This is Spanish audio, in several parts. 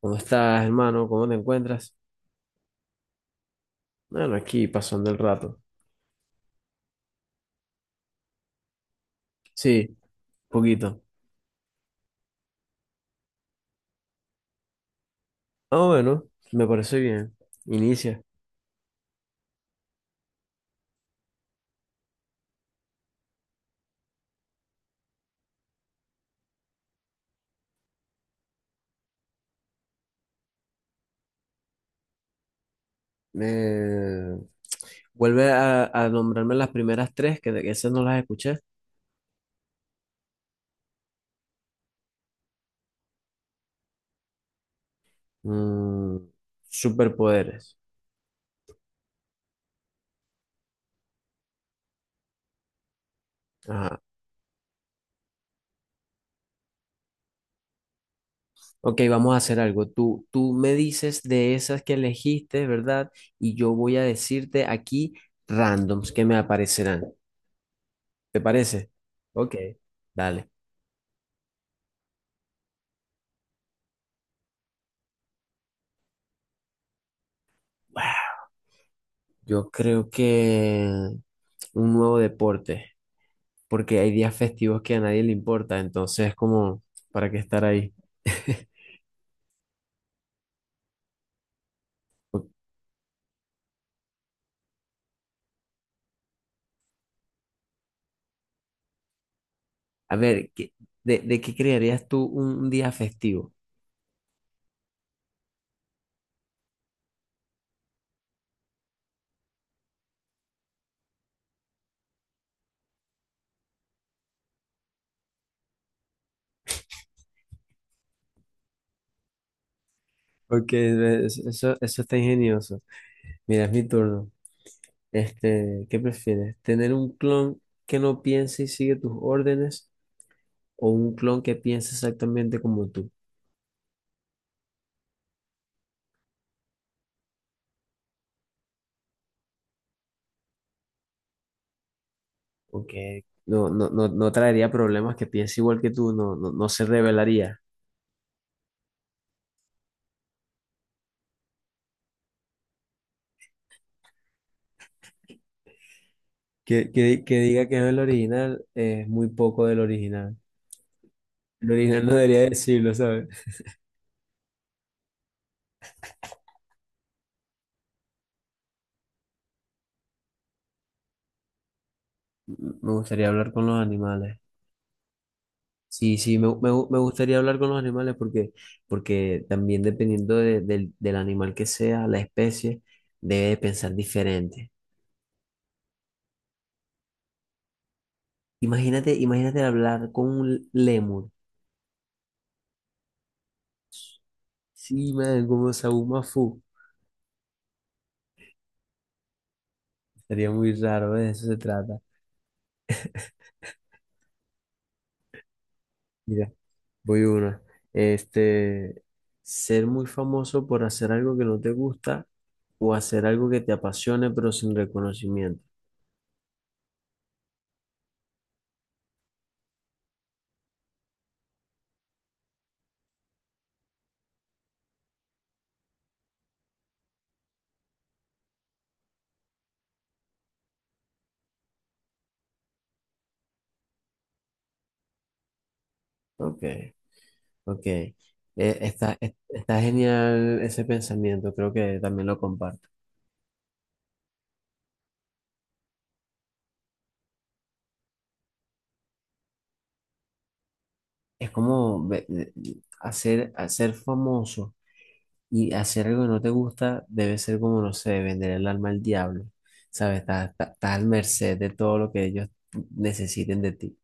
¿Cómo estás, hermano? ¿Cómo te encuentras? Bueno, aquí pasando el rato. Sí, poquito. Ah, bueno, me parece bien. Inicia. Me... Vuelve a nombrarme las primeras tres, que esas no las escuché. Mm, Superpoderes. Ajá. Ok, vamos a hacer algo. Tú me dices de esas que elegiste, ¿verdad? Y yo voy a decirte aquí randoms que me aparecerán. ¿Te parece? Ok, dale. Yo creo que un nuevo deporte, porque hay días festivos que a nadie le importa, entonces como, ¿para qué estar ahí? A ver, ¿de qué crearías tú un día festivo? Porque eso está ingenioso. Mira, es mi turno. ¿Qué prefieres? ¿Tener un clon que no piense y sigue tus órdenes o un clon que piense exactamente como tú? Porque no, no, no, no traería problemas que piense igual que tú, no, no, no se rebelaría. Que diga que no es el original es muy poco del original. El original no debería decirlo, ¿sabes? Me gustaría hablar con los animales. Sí, sí, me gustaría hablar con los animales porque también dependiendo del animal que sea, la especie, debe pensar diferente. Imagínate, imagínate hablar con un lémur. Sí, man, como Saúl Mafú. Sería muy raro, ¿ves? De eso se trata. Voy una. Este, Ser muy famoso por hacer algo que no te gusta o hacer algo que te apasione pero sin reconocimiento. Ok, ok. Está genial ese pensamiento, creo que también lo comparto. Es como hacer famoso y hacer algo que no te gusta debe ser como, no sé, vender el alma al diablo. ¿Sabes? Estás al merced de todo lo que ellos necesiten de ti.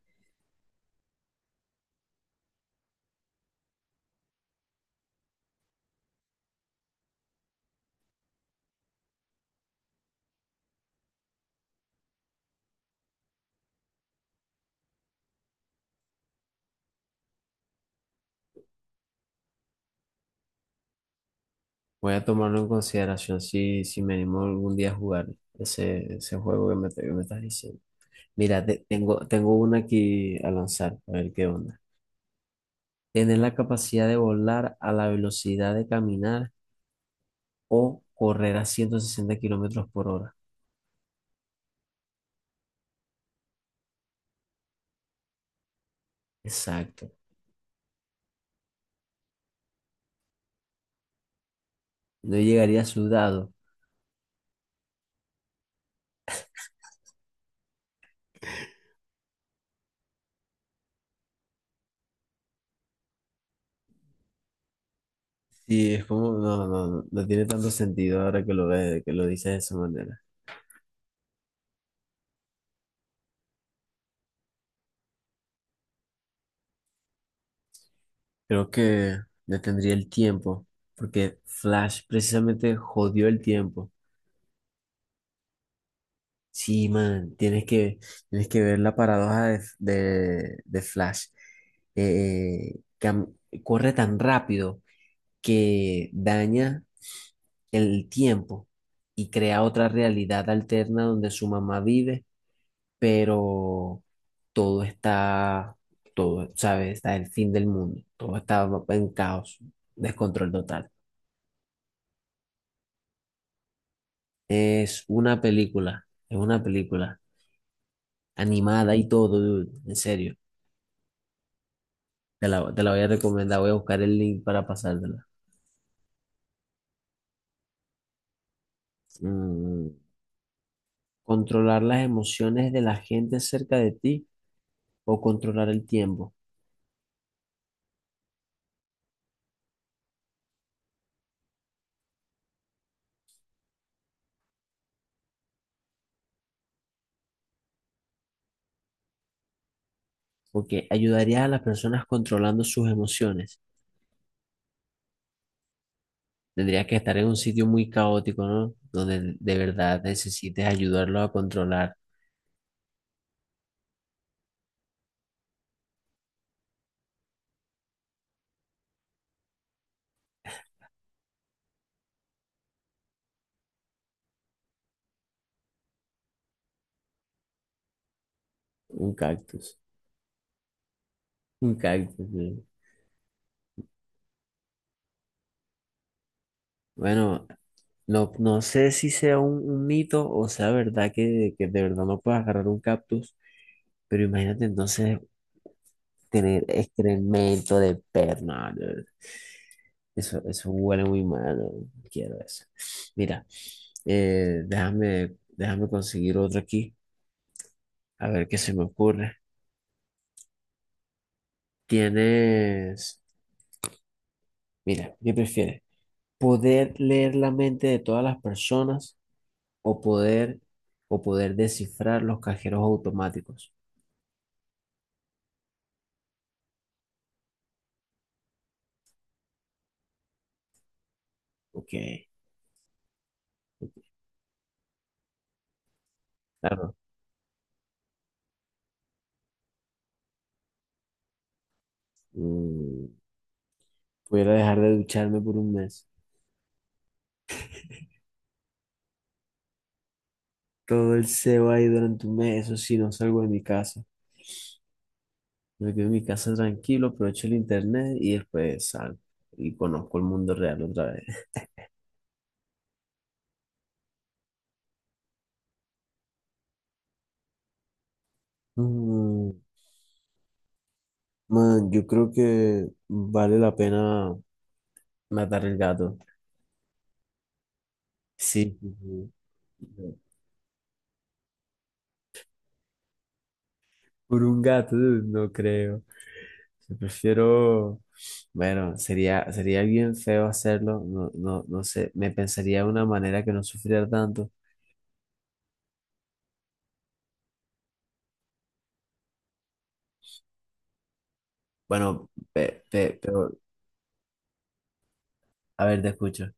Voy a tomarlo en consideración si me animo algún día a jugar ese juego que me estás diciendo. Mira, tengo una aquí a lanzar, a ver qué onda. Tener la capacidad de volar a la velocidad de caminar o correr a 160 kilómetros por hora. Exacto. No llegaría sudado. Y es como, no, no, no, no tiene tanto sentido ahora que lo ves, que lo dices de esa manera. Creo que detendría el tiempo, porque Flash precisamente jodió el tiempo. Sí, man, tienes que ver la paradoja de Flash. Eh, cam- Corre tan rápido que daña el tiempo y crea otra realidad alterna donde su mamá vive, pero todo está, todo, ¿sabes? Está el fin del mundo, todo está en caos, descontrol total. Es una película animada y todo, dude, en serio. Te la voy a recomendar, voy a buscar el link para pasártela. Mm, Controlar las emociones de la gente cerca de ti o controlar el tiempo. Porque ayudarías a las personas controlando sus emociones. Tendrías que estar en un sitio muy caótico, ¿no? Donde de verdad necesites ayudarlo a controlar un cactus. Un cactus, sí. Bueno, no, no sé si sea un mito o sea verdad que de verdad no puedes agarrar un cactus. Pero imagínate entonces tener excremento de perna, ¿no? Eso huele muy mal. ¿No? Quiero eso. Mira, déjame conseguir otro aquí. A ver qué se me ocurre. Tienes, Mira, ¿qué prefieres? ¿Poder leer la mente de todas las personas o poder descifrar los cajeros automáticos? Ok, claro. Mm, Pudiera dejar de ducharme por un mes. Todo el sebo ahí durante un mes, eso sí, no salgo de mi casa. Me quedo en mi casa tranquilo, aprovecho el internet y después salgo y conozco el mundo real otra vez. Mm, Man, yo creo que vale la pena matar el gato. Sí, sí, sí. Por un gato, no creo. Yo prefiero, bueno, sería bien feo hacerlo, no, no, no sé, me pensaría de una manera que no sufriera tanto. Bueno, pero, a ver, te escucho.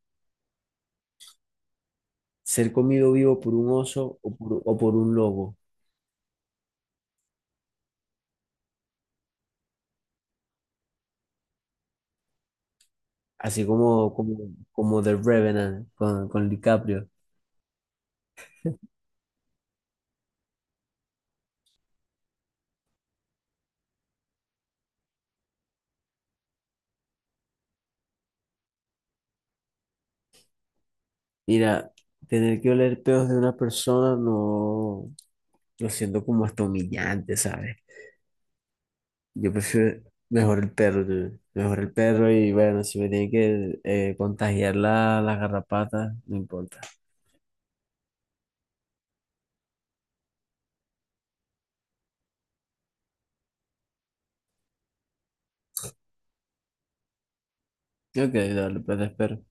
¿Ser comido vivo por un oso o por un lobo? Así como The Revenant con DiCaprio. Mira, tener que oler pedos de una persona no lo siento como hasta humillante, ¿sabes? Yo prefiero mejor el perro, dude. Mejor el perro y bueno, si me tienen que contagiar las garrapatas, no importa. Ok, dale, pues te espero.